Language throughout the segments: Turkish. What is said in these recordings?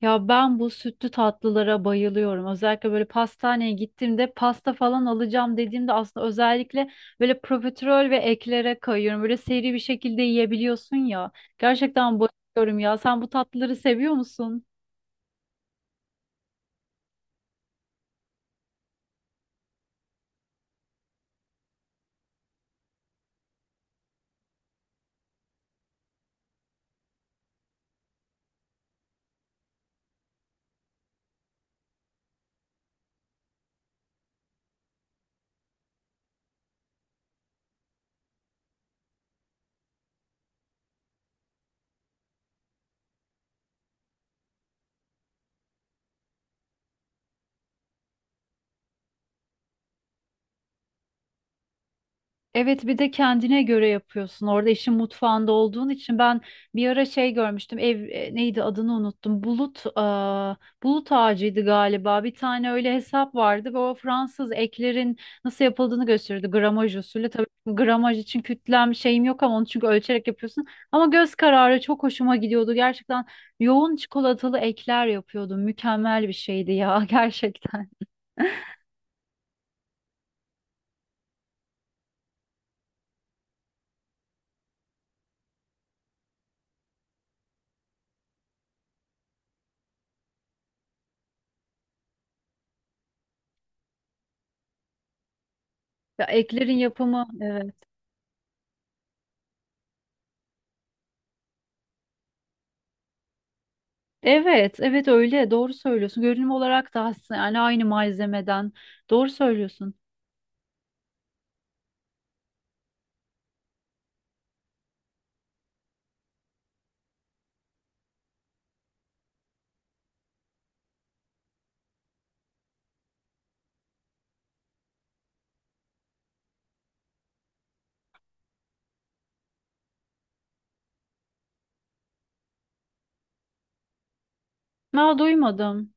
Ya ben bu sütlü tatlılara bayılıyorum. Özellikle böyle pastaneye gittiğimde pasta falan alacağım dediğimde aslında özellikle böyle profiterol ve eklere kayıyorum. Böyle seri bir şekilde yiyebiliyorsun ya. Gerçekten bayılıyorum ya. Sen bu tatlıları seviyor musun? Evet, bir de kendine göre yapıyorsun. Orada işin mutfağında olduğun için ben bir ara şey görmüştüm. Ev neydi adını unuttum. Bulut bulut ağacıydı galiba. Bir tane öyle hesap vardı ve o Fransız eklerin nasıl yapıldığını gösteriyordu. Gramaj usulü. Tabii gramaj için kütlem şeyim yok ama onu çünkü ölçerek yapıyorsun. Ama göz kararı çok hoşuma gidiyordu. Gerçekten yoğun çikolatalı ekler yapıyordum. Mükemmel bir şeydi ya gerçekten. Ya eklerin yapımı, evet. Evet, evet öyle. Doğru söylüyorsun. Görünüm olarak da aslında yani aynı malzemeden. Doğru söylüyorsun. Ma duymadım.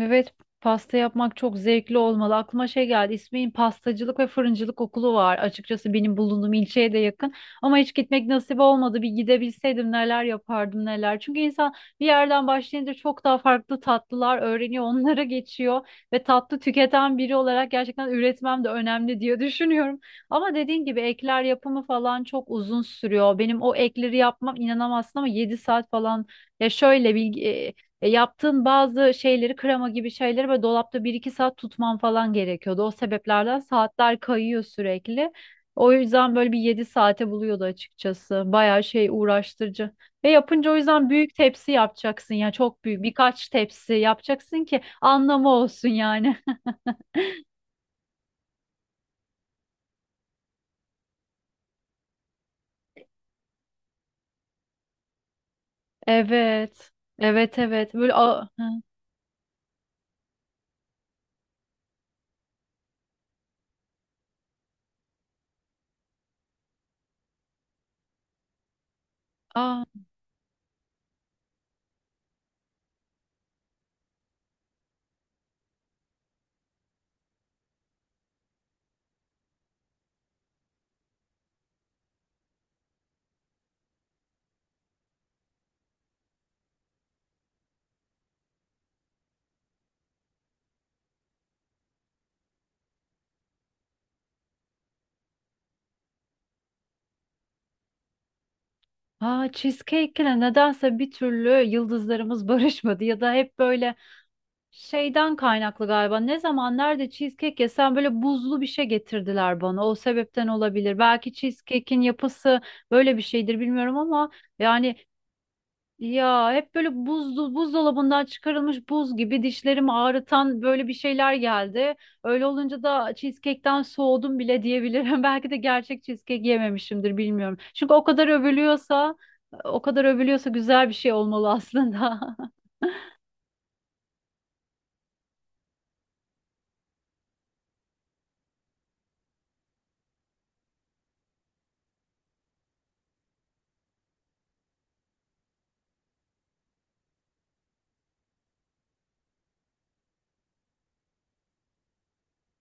Evet, pasta yapmak çok zevkli olmalı. Aklıma şey geldi. İsmail'in pastacılık ve fırıncılık okulu var. Açıkçası benim bulunduğum ilçeye de yakın. Ama hiç gitmek nasip olmadı. Bir gidebilseydim neler yapardım neler. Çünkü insan bir yerden başlayınca çok daha farklı tatlılar öğreniyor, onlara geçiyor ve tatlı tüketen biri olarak gerçekten üretmem de önemli diye düşünüyorum. Ama dediğin gibi ekler yapımı falan çok uzun sürüyor. Benim o ekleri yapmam inanamazsın ama 7 saat falan, ya şöyle bilgi, yaptığın bazı şeyleri, krema gibi şeyleri böyle dolapta bir iki saat tutman falan gerekiyordu. O sebeplerden saatler kayıyor sürekli. O yüzden böyle bir 7 saate buluyordu açıkçası. Bayağı şey uğraştırıcı. Ve yapınca o yüzden büyük tepsi yapacaksın ya, çok büyük birkaç tepsi yapacaksın ki anlamı olsun yani. Evet. Evet, evet. Böyle a, a, cheesecake'le nedense bir türlü yıldızlarımız barışmadı, ya da hep böyle şeyden kaynaklı galiba. Ne zaman nerede cheesecake yesem böyle buzlu bir şey getirdiler bana. O sebepten olabilir. Belki cheesecake'in yapısı böyle bir şeydir bilmiyorum ama yani, ya hep böyle buzlu, buzdolabından çıkarılmış, buz gibi dişlerimi ağrıtan böyle bir şeyler geldi. Öyle olunca da cheesecake'ten soğudum bile diyebilirim. Belki de gerçek cheesecake yememişimdir bilmiyorum. Çünkü o kadar övülüyorsa güzel bir şey olmalı aslında.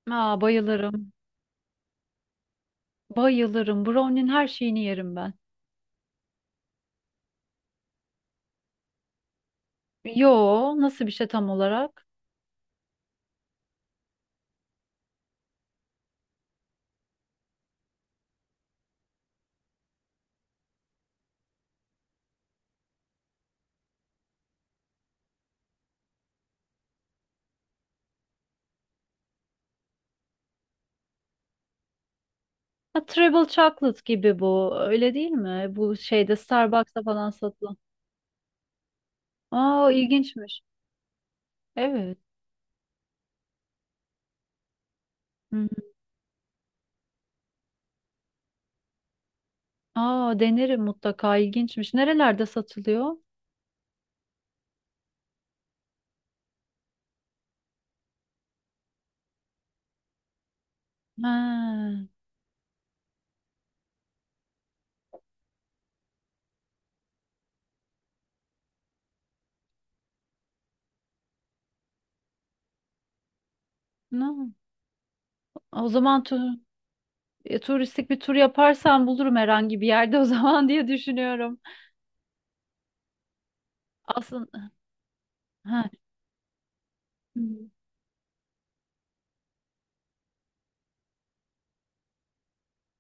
Aa, bayılırım. Bayılırım. Brownie'nin her şeyini yerim ben. Yo, nasıl bir şey tam olarak? Ha, Treble Chocolate gibi bu. Öyle değil mi? Bu şeyde, Starbucks'ta falan satılan. Aa, ilginçmiş. Evet. Hı hı. Aa, denerim mutlaka. İlginçmiş. Nerelerde satılıyor? Ha, ne? O zaman turistik bir tur yaparsam bulurum herhangi bir yerde o zaman diye düşünüyorum. Aslında, ha.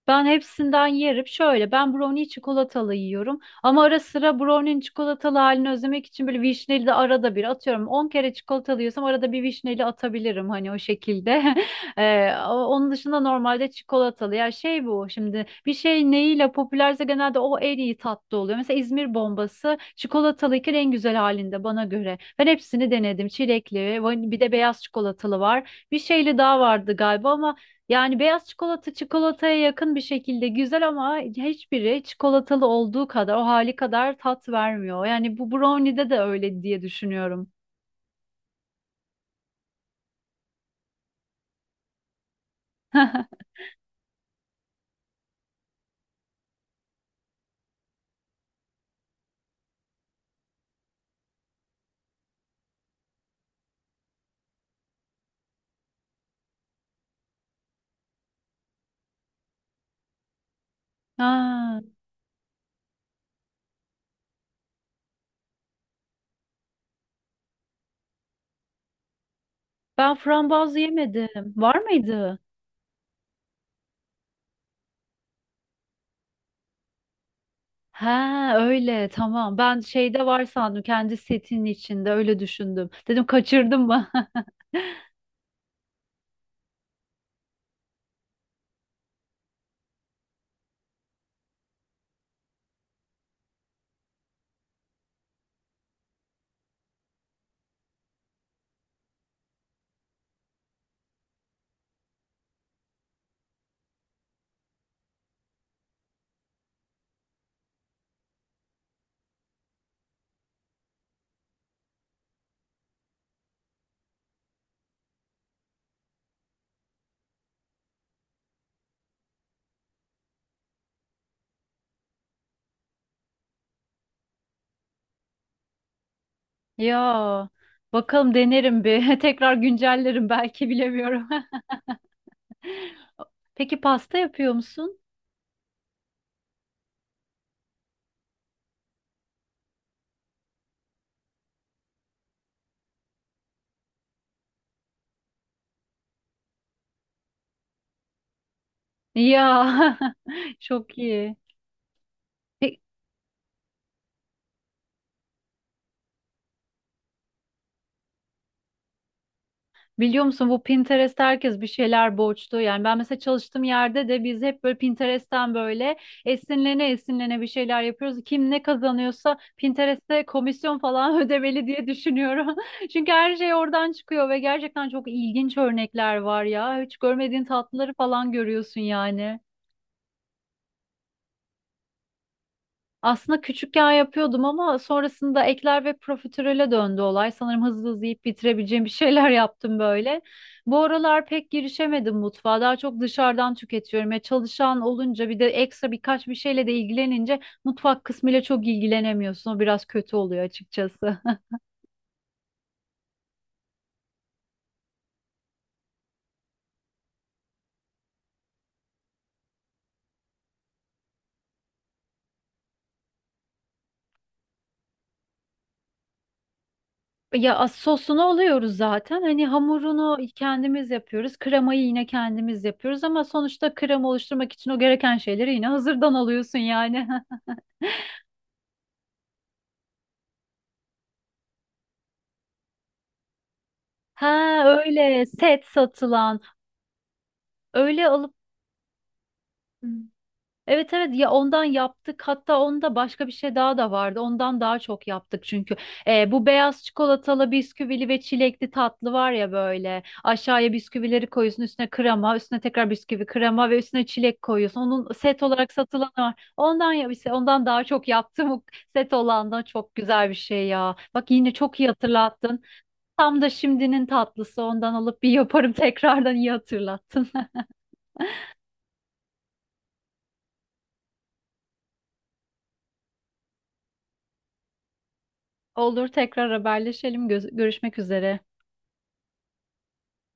Ben hepsinden yerim. Şöyle, ben brownie çikolatalı yiyorum. Ama ara sıra brownie'nin çikolatalı halini özlemek için böyle vişneli de arada bir atıyorum. 10 kere çikolatalı yiyorsam arada bir vişneli atabilirim hani o şekilde. Onun dışında normalde çikolatalı. Ya şey, bu şimdi bir şey neyiyle popülerse genelde o en iyi tatlı oluyor. Mesela İzmir bombası çikolatalıyken en güzel halinde bana göre. Ben hepsini denedim. Çilekli, bir de beyaz çikolatalı var. Bir şeyli daha vardı galiba ama yani beyaz çikolata çikolataya yakın bir şekilde güzel ama hiçbiri çikolatalı olduğu kadar, o hali kadar tat vermiyor. Yani bu brownie'de de öyle diye düşünüyorum. Ha, ben frambuaz yemedim. Var mıydı? Ha öyle, tamam. Ben şeyde var sandım, kendi setinin içinde öyle düşündüm. Dedim kaçırdım mı? Ya bakalım, denerim bir. Tekrar güncellerim belki bilemiyorum. Peki pasta yapıyor musun? Ya çok iyi. Pe- Biliyor musun, bu Pinterest'te herkes bir şeyler borçlu. Yani ben mesela çalıştığım yerde de biz hep böyle Pinterest'ten böyle esinlene esinlene bir şeyler yapıyoruz. Kim ne kazanıyorsa Pinterest'te komisyon falan ödemeli diye düşünüyorum. Çünkü her şey oradan çıkıyor ve gerçekten çok ilginç örnekler var ya. Hiç görmediğin tatlıları falan görüyorsun yani. Aslında küçükken yapıyordum ama sonrasında ekler ve profiterole döndü olay. Sanırım hızlı hızlı yiyip bitirebileceğim bir şeyler yaptım böyle. Bu aralar pek girişemedim mutfağa. Daha çok dışarıdan tüketiyorum. Ya çalışan olunca, bir de ekstra birkaç bir şeyle de ilgilenince mutfak kısmıyla çok ilgilenemiyorsun. O biraz kötü oluyor açıkçası. Sosunu oluyoruz zaten. Hani hamurunu kendimiz yapıyoruz. Kremayı yine kendimiz yapıyoruz ama sonuçta krema oluşturmak için o gereken şeyleri yine hazırdan alıyorsun yani. Ha öyle, set satılan, öyle alıp. Hı, evet, evet, ya ondan yaptık. Hatta onda başka bir şey daha da vardı, ondan daha çok yaptık çünkü bu beyaz çikolatalı, bisküvili ve çilekli tatlı var ya, böyle aşağıya bisküvileri koyuyorsun, üstüne krema, üstüne tekrar bisküvi, krema ve üstüne çilek koyuyorsun, onun set olarak satılanı var, ondan, ya işte, ondan daha çok yaptım. O set olan da çok güzel bir şey ya, bak yine çok iyi hatırlattın. Tam da şimdinin tatlısı, ondan alıp bir yaparım tekrardan, iyi hatırlattın. Olur, tekrar haberleşelim. Görüşmek üzere.